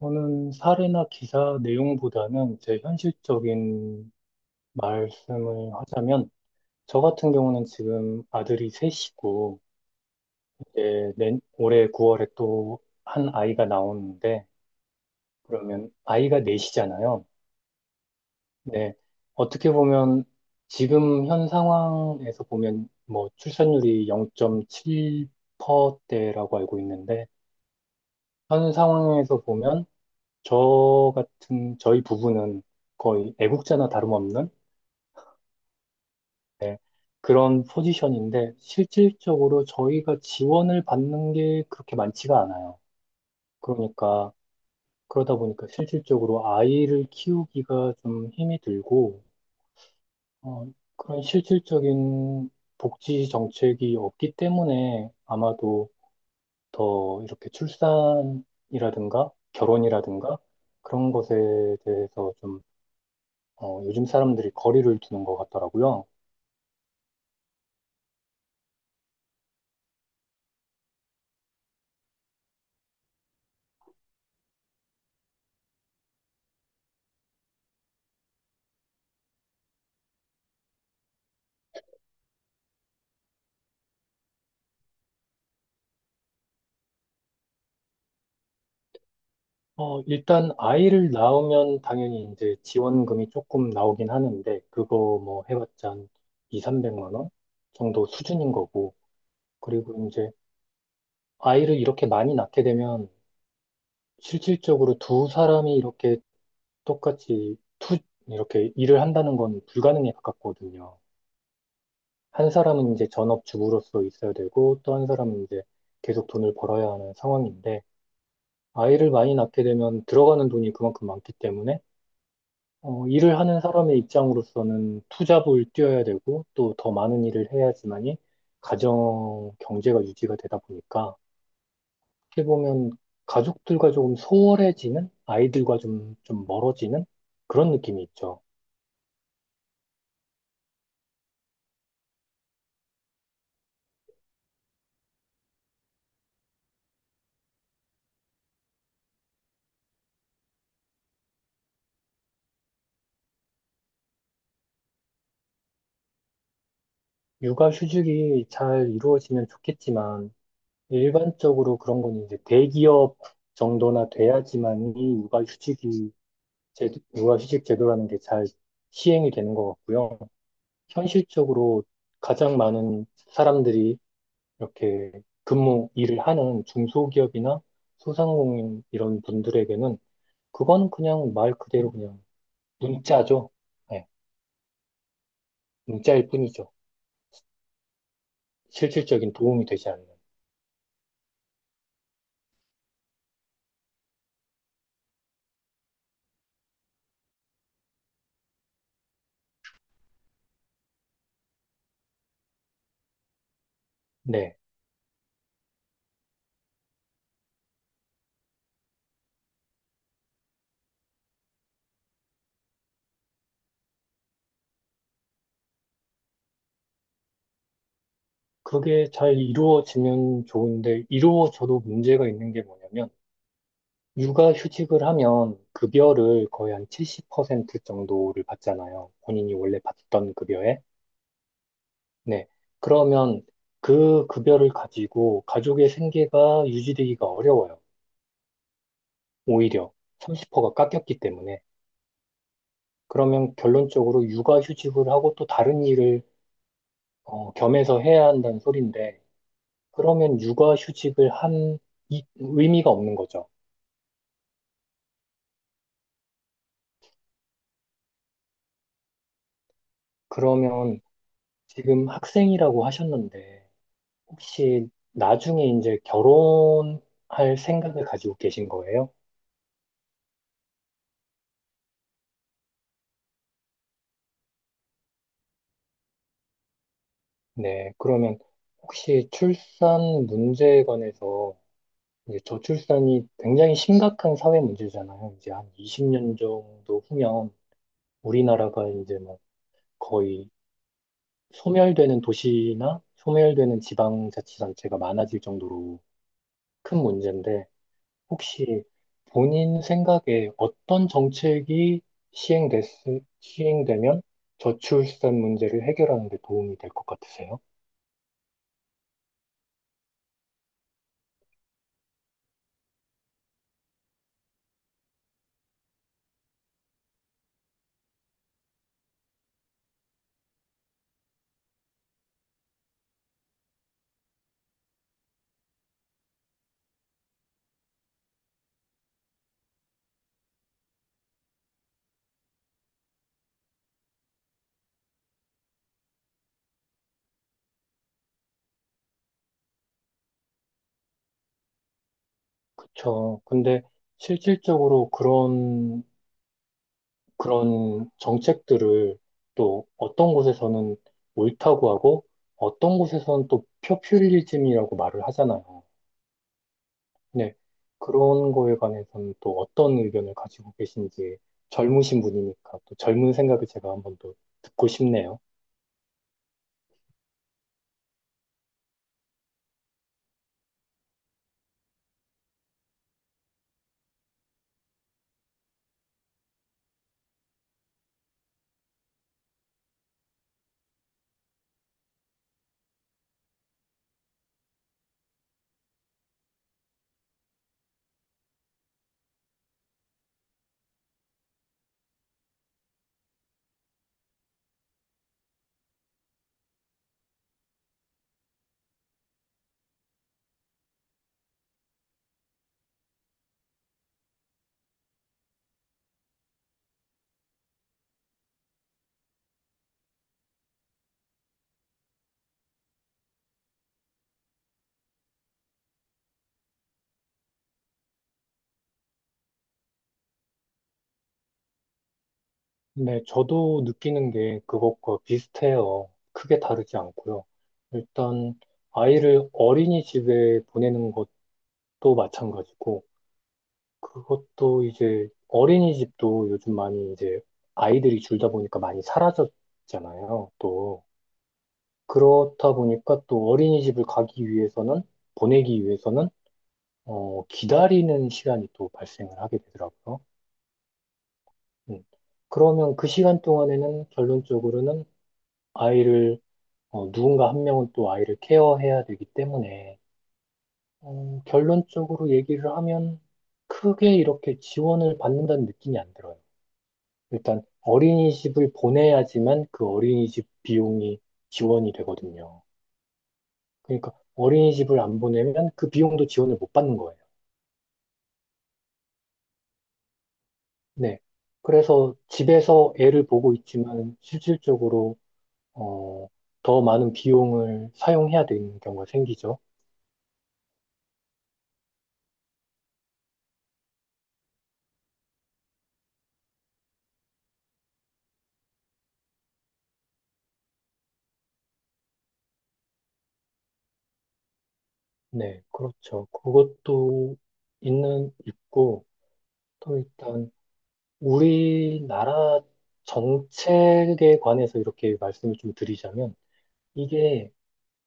저는 사례나 기사 내용보다는 제 현실적인 말씀을 하자면, 저 같은 경우는 지금 아들이 셋이고, 이제 올해 9월에 또 한 아이가 나오는데, 그러면 아이가 넷이잖아요. 네. 어떻게 보면 지금 현 상황에서 보면 뭐 출산율이 0.7%대라고 알고 있는데, 현 상황에서 보면 저 같은 저희 부부는 거의 애국자나 다름없는 네, 그런 포지션인데 실질적으로 저희가 지원을 받는 게 그렇게 많지가 않아요. 그러니까 그러다 보니까 실질적으로 아이를 키우기가 좀 힘이 들고 어, 그런 실질적인 복지 정책이 없기 때문에 아마도 더 이렇게 출산이라든가 결혼이라든가 그런 것에 대해서 좀 요즘 사람들이 거리를 두는 것 같더라고요. 일단 아이를 낳으면 당연히 이제 지원금이 조금 나오긴 하는데 그거 뭐 해봤자 한 2, 300만 원 정도 수준인 거고 그리고 이제 아이를 이렇게 많이 낳게 되면 실질적으로 두 사람이 이렇게 똑같이 투 이렇게 일을 한다는 건 불가능에 가깝거든요. 한 사람은 이제 전업주부로서 있어야 되고 또 한 사람은 이제 계속 돈을 벌어야 하는 상황인데 아이를 많이 낳게 되면 들어가는 돈이 그만큼 많기 때문에 일을 하는 사람의 입장으로서는 투잡을 뛰어야 되고 또 더 많은 일을 해야지만이 가정 경제가 유지가 되다 보니까 어떻게 보면 가족들과 조금 소홀해지는 아이들과 좀 멀어지는 그런 느낌이 있죠. 육아 휴직이 잘 이루어지면 좋겠지만 일반적으로 그런 건 이제 대기업 정도나 돼야지만이 육아 휴직이 제, 육아 휴직 제도라는 게 잘 시행이 되는 것 같고요. 현실적으로 가장 많은 사람들이 이렇게 근무 일을 하는 중소기업이나 소상공인 이런 분들에게는 그건 그냥 말 그대로 그냥 문자죠. 네, 문자일 뿐이죠. 실질적인 도움이 되지 않는. 네, 그게 잘 이루어지면 좋은데 이루어져도 문제가 있는 게 뭐냐면 육아휴직을 하면 급여를 거의 한 70% 정도를 받잖아요. 본인이 원래 받던 급여에. 네. 그러면 그 급여를 가지고 가족의 생계가 유지되기가 어려워요. 오히려 30%가 깎였기 때문에. 그러면 결론적으로 육아휴직을 하고 또 다른 일을 겸해서 해야 한다는 소린데, 그러면 육아휴직을 한 의미가 없는 거죠. 그러면 지금 학생이라고 하셨는데, 혹시 나중에 이제 결혼할 생각을 가지고 계신 거예요? 네. 그러면 혹시 출산 문제에 관해서 이제 저출산이 굉장히 심각한 사회 문제잖아요. 이제 한 20년 정도 후면 우리나라가 이제 막 거의 소멸되는 도시나 소멸되는 지방자치단체가 많아질 정도로 큰 문제인데 혹시 본인 생각에 어떤 정책이 시행됐, 시행되면 저출산 문제를 해결하는 데 도움이 될 것 같으세요? 그쵸. 근데 실질적으로 그런 정책들을 또 어떤 곳에서는 옳다고 하고 어떤 곳에서는 또 포퓰리즘이라고 말을 하잖아요. 네. 그런 거에 관해서는 또 어떤 의견을 가지고 계신지 젊으신 분이니까 또 젊은 생각을 제가 한번 더 듣고 싶네요. 네, 저도 느끼는 게 그것과 비슷해요. 크게 다르지 않고요. 일단 아이를 어린이집에 보내는 것도 마찬가지고 그것도 이제 어린이집도 요즘 많이 이제 아이들이 줄다 보니까 많이 사라졌잖아요. 또 그렇다 보니까 또 어린이집을 가기 위해서는 보내기 위해서는 기다리는 시간이 또 발생을 하게 되더라고요. 음. 그러면 그 시간 동안에는 결론적으로는 아이를 누군가 한 명은 또 아이를 케어해야 되기 때문에 결론적으로 얘기를 하면 크게 이렇게 지원을 받는다는 느낌이 안 들어요. 일단 어린이집을 보내야지만 그 어린이집 비용이 지원이 되거든요. 그러니까 어린이집을 안 보내면 그 비용도 지원을 못 받는 거예요. 네. 그래서 집에서 애를 보고 있지만 실질적으로 어, 더 많은 비용을 사용해야 되는 경우가 생기죠. 네, 그렇죠. 그것도 있는 있고 또 일단 우리나라 정책에 관해서 이렇게 말씀을 좀 드리자면 이게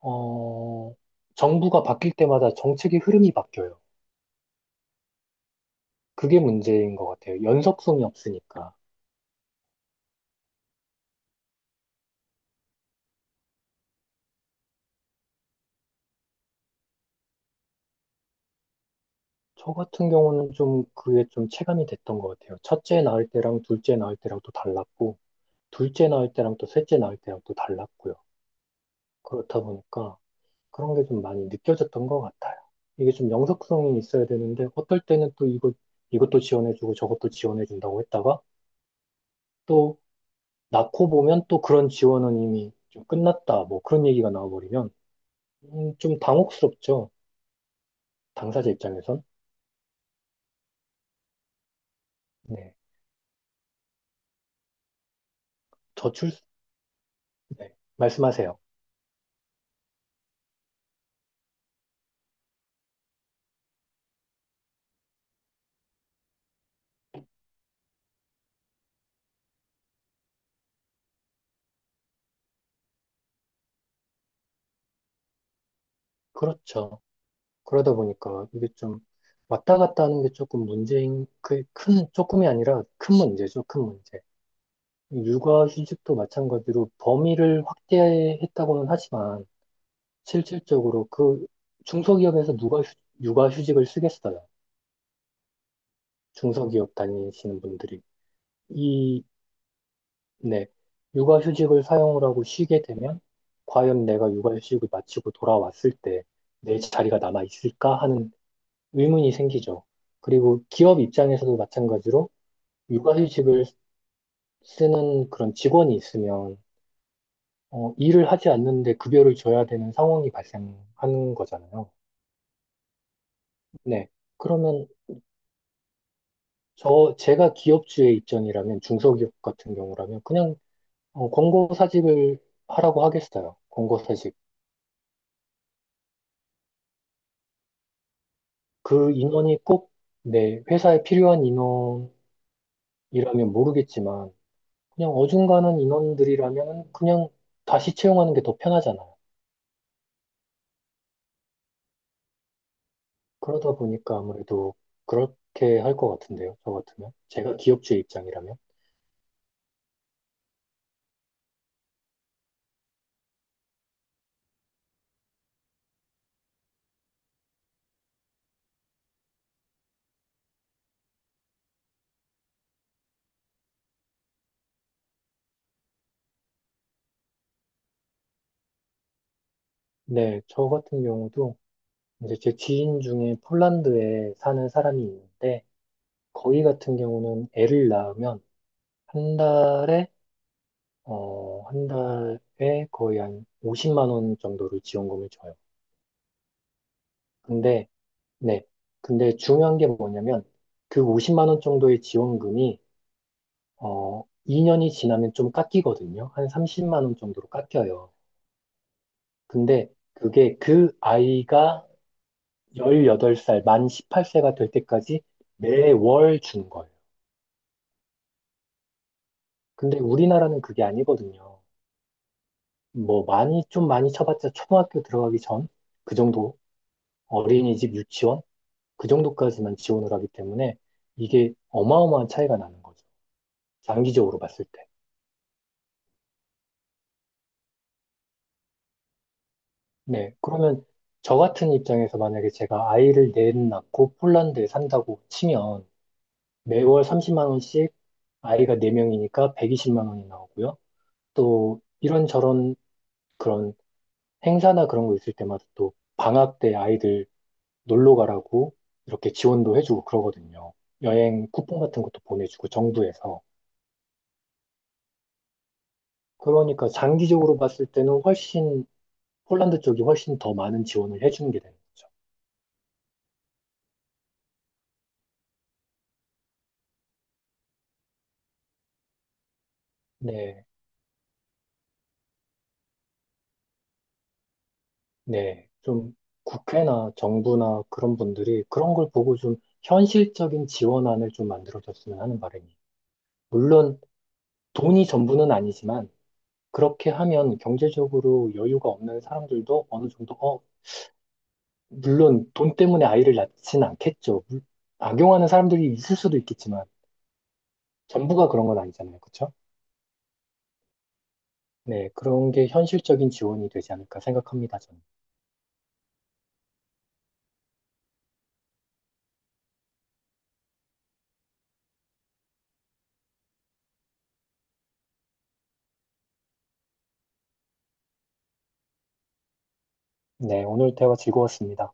어, 정부가 바뀔 때마다 정책의 흐름이 바뀌어요. 그게 문제인 것 같아요. 연속성이 없으니까. 저 같은 경우는 좀 그게 좀 체감이 됐던 것 같아요. 첫째 낳을 때랑 둘째 낳을 때랑 또 달랐고, 둘째 낳을 때랑 또 셋째 낳을 때랑 또 달랐고요. 그렇다 보니까 그런 게 좀 많이 느껴졌던 것 같아요. 이게 좀 영속성이 있어야 되는데, 어떨 때는 또 이것도 지원해주고 저것도 지원해준다고 했다가, 또 낳고 보면 또 그런 지원은 이미 좀 끝났다. 뭐 그런 얘기가 나와버리면, 좀 당혹스럽죠. 당사자 입장에선. 네. 저출, 네. 말씀하세요. 그렇죠. 그러다 보니까 이게 좀 왔다 갔다 하는 게 조금 문제인, 그 큰, 조금이 아니라 큰 문제죠. 큰 문제. 육아휴직도 마찬가지로 범위를 확대했다고는 하지만 실질적으로 그 중소기업에서 누가 육아휴직을 쓰겠어요. 중소기업 다니시는 분들이. 이 네. 육아휴직을 사용을 하고 쉬게 되면 과연 내가 육아휴직을 마치고 돌아왔을 때 내 자리가 남아 있을까 하는 의문이 생기죠. 그리고 기업 입장에서도 마찬가지로 육아휴직을 쓰는 그런 직원이 있으면 일을 하지 않는데 급여를 줘야 되는 상황이 발생하는 거잖아요. 네. 그러면 저 제가 기업주의 입장이라면 중소기업 같은 경우라면 그냥 권고사직을 하라고 하겠어요. 권고사직. 그 인원이 꼭 내 회사에 필요한 인원이라면 모르겠지만 그냥 어중간한 인원들이라면 그냥 다시 채용하는 게 더 편하잖아요. 그러다 보니까 아무래도 그렇게 할 것 같은데요. 저 같으면 제가 기업주의 입장이라면 네, 저 같은 경우도 이제 제 지인 중에 폴란드에 사는 사람이 있는데 거기 같은 경우는 애를 낳으면 한 달에 한 달에 거의 한 50만 원 정도를 지원금을 줘요. 근데 네. 근데 중요한 게 뭐냐면 그 50만 원 정도의 지원금이 어 2년이 지나면 좀 깎이거든요. 한 30만 원 정도로 깎여요. 근데 그게 그 아이가 18살, 만 18세가 될 때까지 매월 주는 거예요. 근데 우리나라는 그게 아니거든요. 뭐 많이 좀 많이 쳐봤자 초등학교 들어가기 전 그 정도 어린이집 유치원 그 정도까지만 지원을 하기 때문에 이게 어마어마한 차이가 나는 거죠. 장기적으로 봤을 때. 네. 그러면 저 같은 입장에서 만약에 제가 아이를 넷 낳고 폴란드에 산다고 치면 매월 30만 원씩 아이가 4명이니까 120만 원이 나오고요. 또 이런저런 그런 행사나 그런 거 있을 때마다 또 방학 때 아이들 놀러 가라고 이렇게 지원도 해주고 그러거든요. 여행 쿠폰 같은 것도 보내주고 정부에서. 그러니까 장기적으로 봤을 때는 훨씬 폴란드 쪽이 훨씬 더 많은 지원을 해주는 게 되는 거죠. 네. 네, 좀 국회나 정부나 그런 분들이 그런 걸 보고 좀 현실적인 지원안을 좀 만들어줬으면 하는 바람이. 물론 돈이 전부는 아니지만 그렇게 하면 경제적으로 여유가 없는 사람들도 어느 정도, 어, 물론 돈 때문에 아이를 낳지는 않겠죠. 악용하는 사람들이 있을 수도 있겠지만 전부가 그런 건 아니잖아요. 그렇죠? 네, 그런 게 현실적인 지원이 되지 않을까 생각합니다, 저는. 네, 오늘 대화 즐거웠습니다.